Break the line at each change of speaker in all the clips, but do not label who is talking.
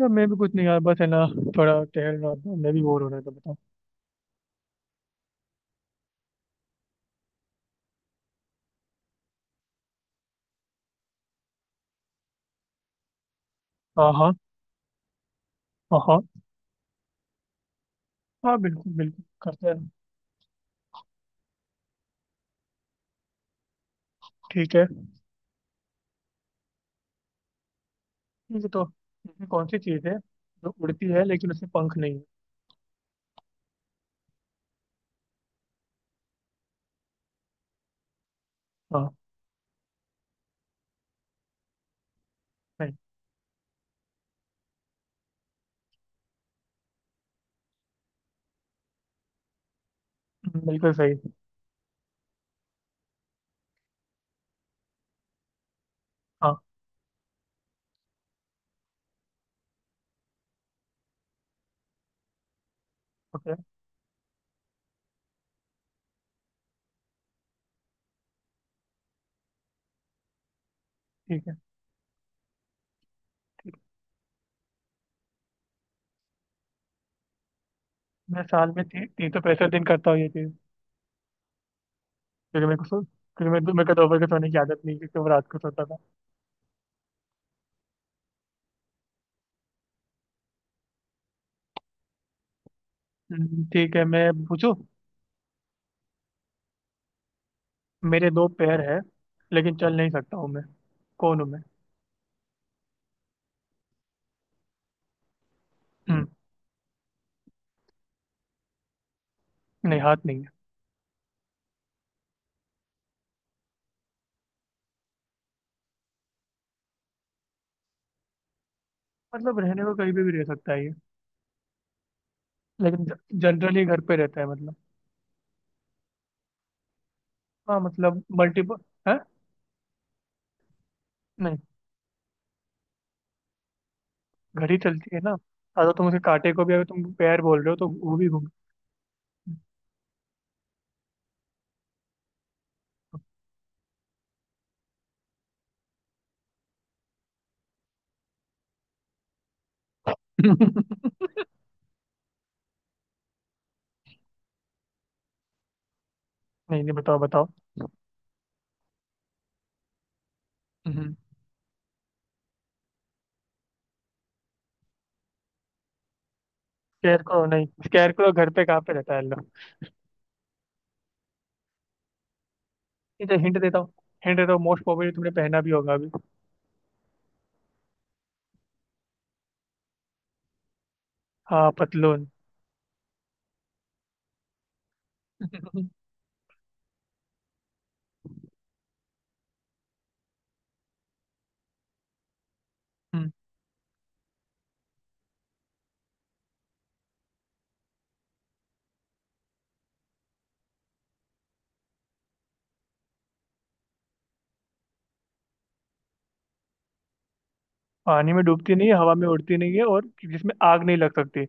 यार मैं भी कुछ नहीं यार बस है ना। थोड़ा टहल रहा था, मैं भी बोर हो रहा था, बताओ। हाँ हाँ। हाँ हाँ। हाँ बिल्कुल बिल्कुल करते हैं। ठीक है। ठीक है तो ऐसी कौन सी चीज़ है जो उड़ती है लेकिन उसमें पंख नहीं है? हाँ। सही। बिल्कुल सही। हाँ। ओके। ठीक है। मैं साल में 365 दिन करता हूँ ये चीज़। क्योंकि मेरे को सो क्योंकि मैं मेरे को दोपहर को सोने की आदत नहीं है, क्योंकि मैं रात को सोता था। ठीक है मैं पूछूं। मेरे दो पैर हैं लेकिन चल नहीं सकता हूँ मैं। कौन हूँ मैं? हम्म। नहीं हाथ नहीं है। मतलब रहने को कहीं पे भी रह सकता है ये, लेकिन जनरली घर पे रहता है मतलब। हाँ मतलब मल्टीपल है। नहीं। घड़ी चलती है ना। हाँ तो तुम उसके कांटे को भी अगर तुम पैर बोल रहे हो तो वो भी घूम। नहीं नहीं बताओ बताओ। स्कैर को नहीं स्कैर को घर पे कहाँ पे रहता है लोग। ये तो हिंट देता हूँ। हिंट देता हूँ, मोस्ट प्रोबेबली तुमने पहना भी होगा अभी। हाँ पतलून। हम्म। पानी में डूबती नहीं है, हवा में उड़ती नहीं है, और जिसमें आग नहीं लग सकती।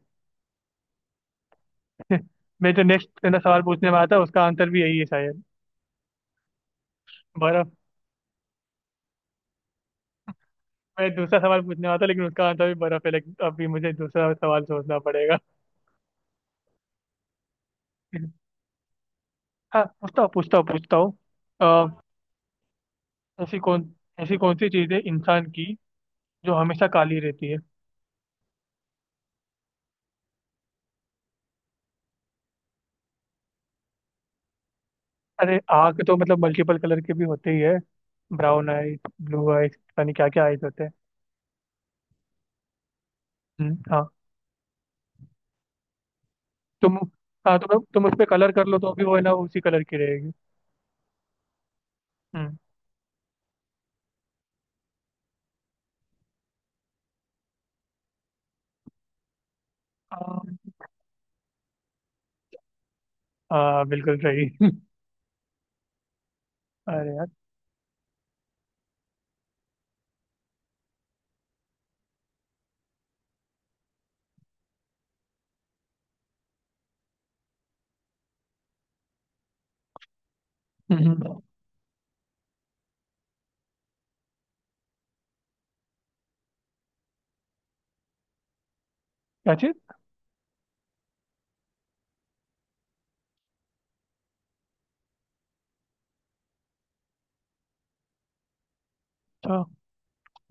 मैं जो नेक्स्ट ना सवाल पूछने वाला था उसका आंसर भी यही है शायद। बर्फ। मैं दूसरा सवाल पूछने वाला था लेकिन उसका आंसर भी बर्फ है, लेकिन अभी मुझे दूसरा सवाल सोचना पड़ेगा। हाँ पूछता हूँ पूछता हूँ पूछता हूँ। अ, ऐसी कौन ऐसी कौन सी चीज़ है इंसान की जो हमेशा काली रहती है? अरे आँख तो मतलब मल्टीपल कलर के भी होते ही है। ब्राउन आइज, ब्लू आइज, पता नहीं क्या क्या आइज होते हैं। हाँ। तुम हाँ तुम उस पर कलर कर लो तो भी वो है ना उसी कलर की रहेगी। हम्म। हाँ, हाँ, बिल्कुल सही। अरे यार। हम्म, क्या चीज? अच्छा।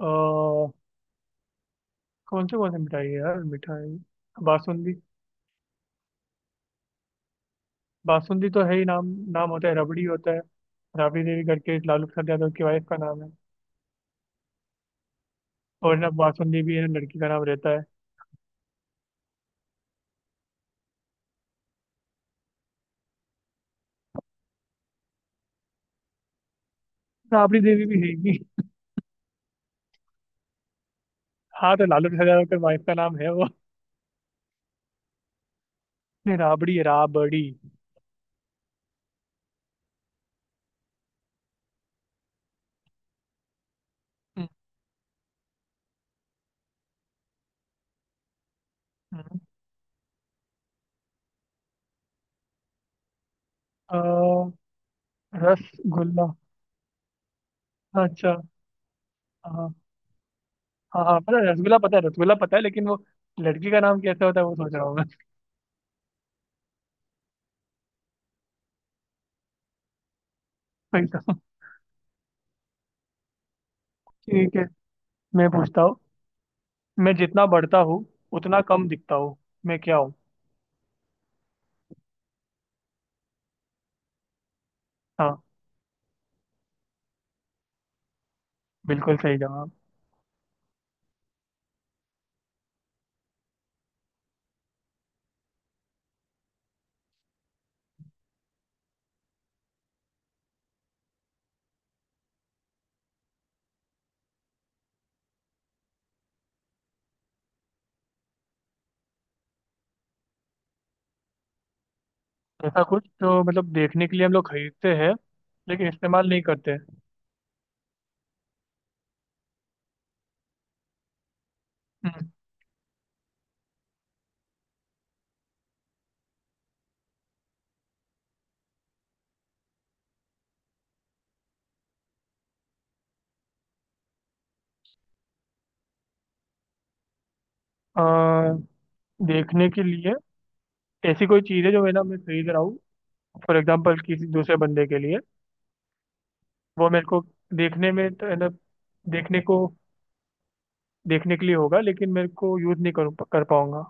अ, कौन से मिठाई है यार मिठाई। बासुंदी। बासुंदी तो है ही नाम। नाम होता है रबड़ी होता है। राबड़ी देवी करके एक लालू प्रसाद यादव की वाइफ का नाम है। और ना बासुंदी भी है ना लड़की का नाम रहता है। राबड़ी देवी भी है ही नहीं। हाँ तो लालू प्रसाद यादव के वाइफ का नाम है वो। नहीं राबड़ी है राबड़ी। हम्म, हम्म। अ, रसगुल्ला। अच्छा। हाँ हाँ हाँ पता है रसगुल्ला पता है रसगुल्ला पता है, लेकिन वो लड़की का नाम कैसे होता है वो सोच रहा हूँ मैं। वही तो। ठीक है मैं पूछता हूँ। मैं जितना बढ़ता हूँ उतना कम दिखता हूँ। मैं क्या हूँ? हाँ बिल्कुल सही जवाब। ऐसा कुछ जो मतलब देखने के लिए हम लोग खरीदते हैं लेकिन इस्तेमाल नहीं करते। हम्म। अ, देखने के लिए ऐसी कोई चीज़ है जो है ना मैं खरीद रहा हूँ फॉर एग्जाम्पल किसी दूसरे बंदे के लिए। वो मेरे को देखने में तो है ना, देखने को देखने के लिए होगा लेकिन मेरे को यूज़ नहीं कर कर पाऊंगा।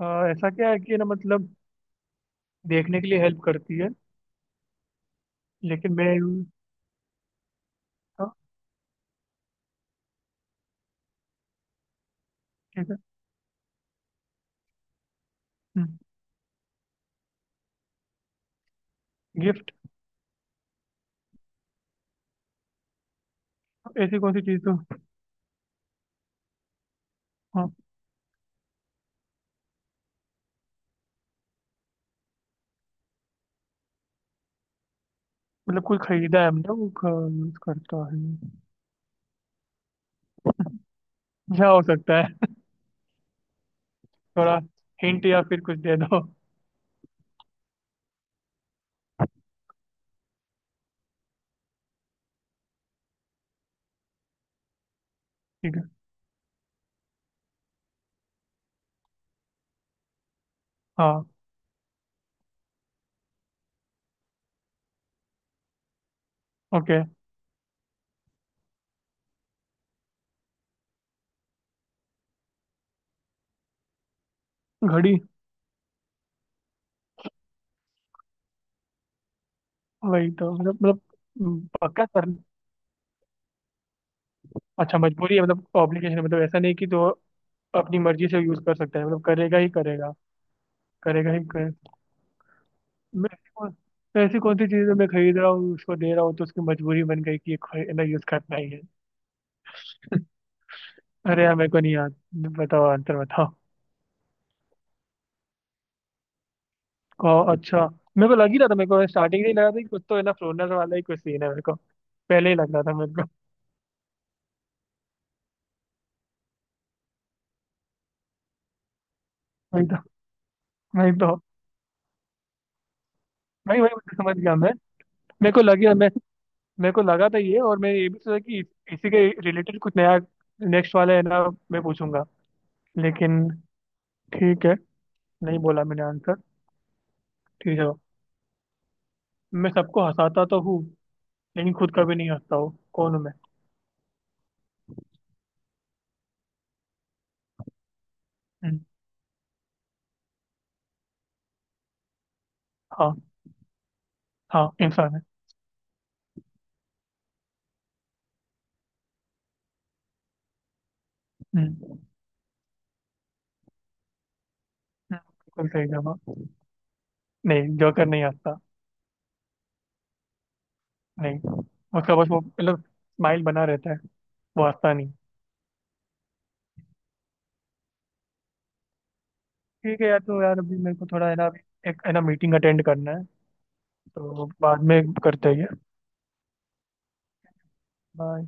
अ, ऐसा क्या है कि ना मतलब देखने के लिए हेल्प करती है। लेकिन मैं यूज। हाँ। ठीक है। गिफ्ट। ऐसी कौन सी चीज़ तो। हाँ। मतलब कोई खरीदा है हमने वो यूज़ करता है। क्या हो सकता है? थोड़ा हिंट या फिर कुछ दे दो। ठीक है। हाँ। ओके। घड़ी। वही तो मतलब। पक्का कर। अच्छा मजबूरी है मतलब ऑब्लिगेशन है, मतलब ऐसा नहीं कि तो अपनी मर्जी से यूज कर सकता है मतलब करेगा ही करेगा। करेगा ही करेगा। मैं ऐसी कौन। तो ऐसी कौन सी चीज़ है मैं खरीद रहा हूँ उसको दे रहा हूँ तो उसकी मजबूरी बन गई कि खरीदना यूज करना ही है। अरे यार मेरे को नहीं याद। बताओ आंसर बताओ। को अच्छा। मेरे को लग ही रहा था, मेरे को स्टार्टिंग से ही लगा था कि कुछ तो है ना फ्लोनर वाला ही कुछ सीन है मेरे को। पहले ही लग रहा था मेरे को। वही तो। भाई वही मुझे समझ गया मैं। मेरे को लगे मैं। मेरे को लगा था ये, और मैं ये भी सोचा कि इसी के रिलेटेड कुछ नया नेक्स्ट वाला है ना मैं पूछूंगा। लेकिन ठीक है। नहीं बोला मैंने आंसर। ठीक है। मैं सबको हंसाता तो हूँ लेकिन खुद कभी नहीं हंसता हूँ। कौन हूँ मैं? हम्म, हाँ। हाँ इंसान है। हम्म। बिल्कुल सही जवाब। नहीं जोकर नहीं हंसता। नहीं। उसका बस वो मतलब स्माइल बना रहता है। वो हंसता नहीं। ठीक है यार, तो यार अभी मेरे को थोड़ा है ना, अभी एक है ना मीटिंग अटेंड करना है। तो बाद में करते हैं। बाय।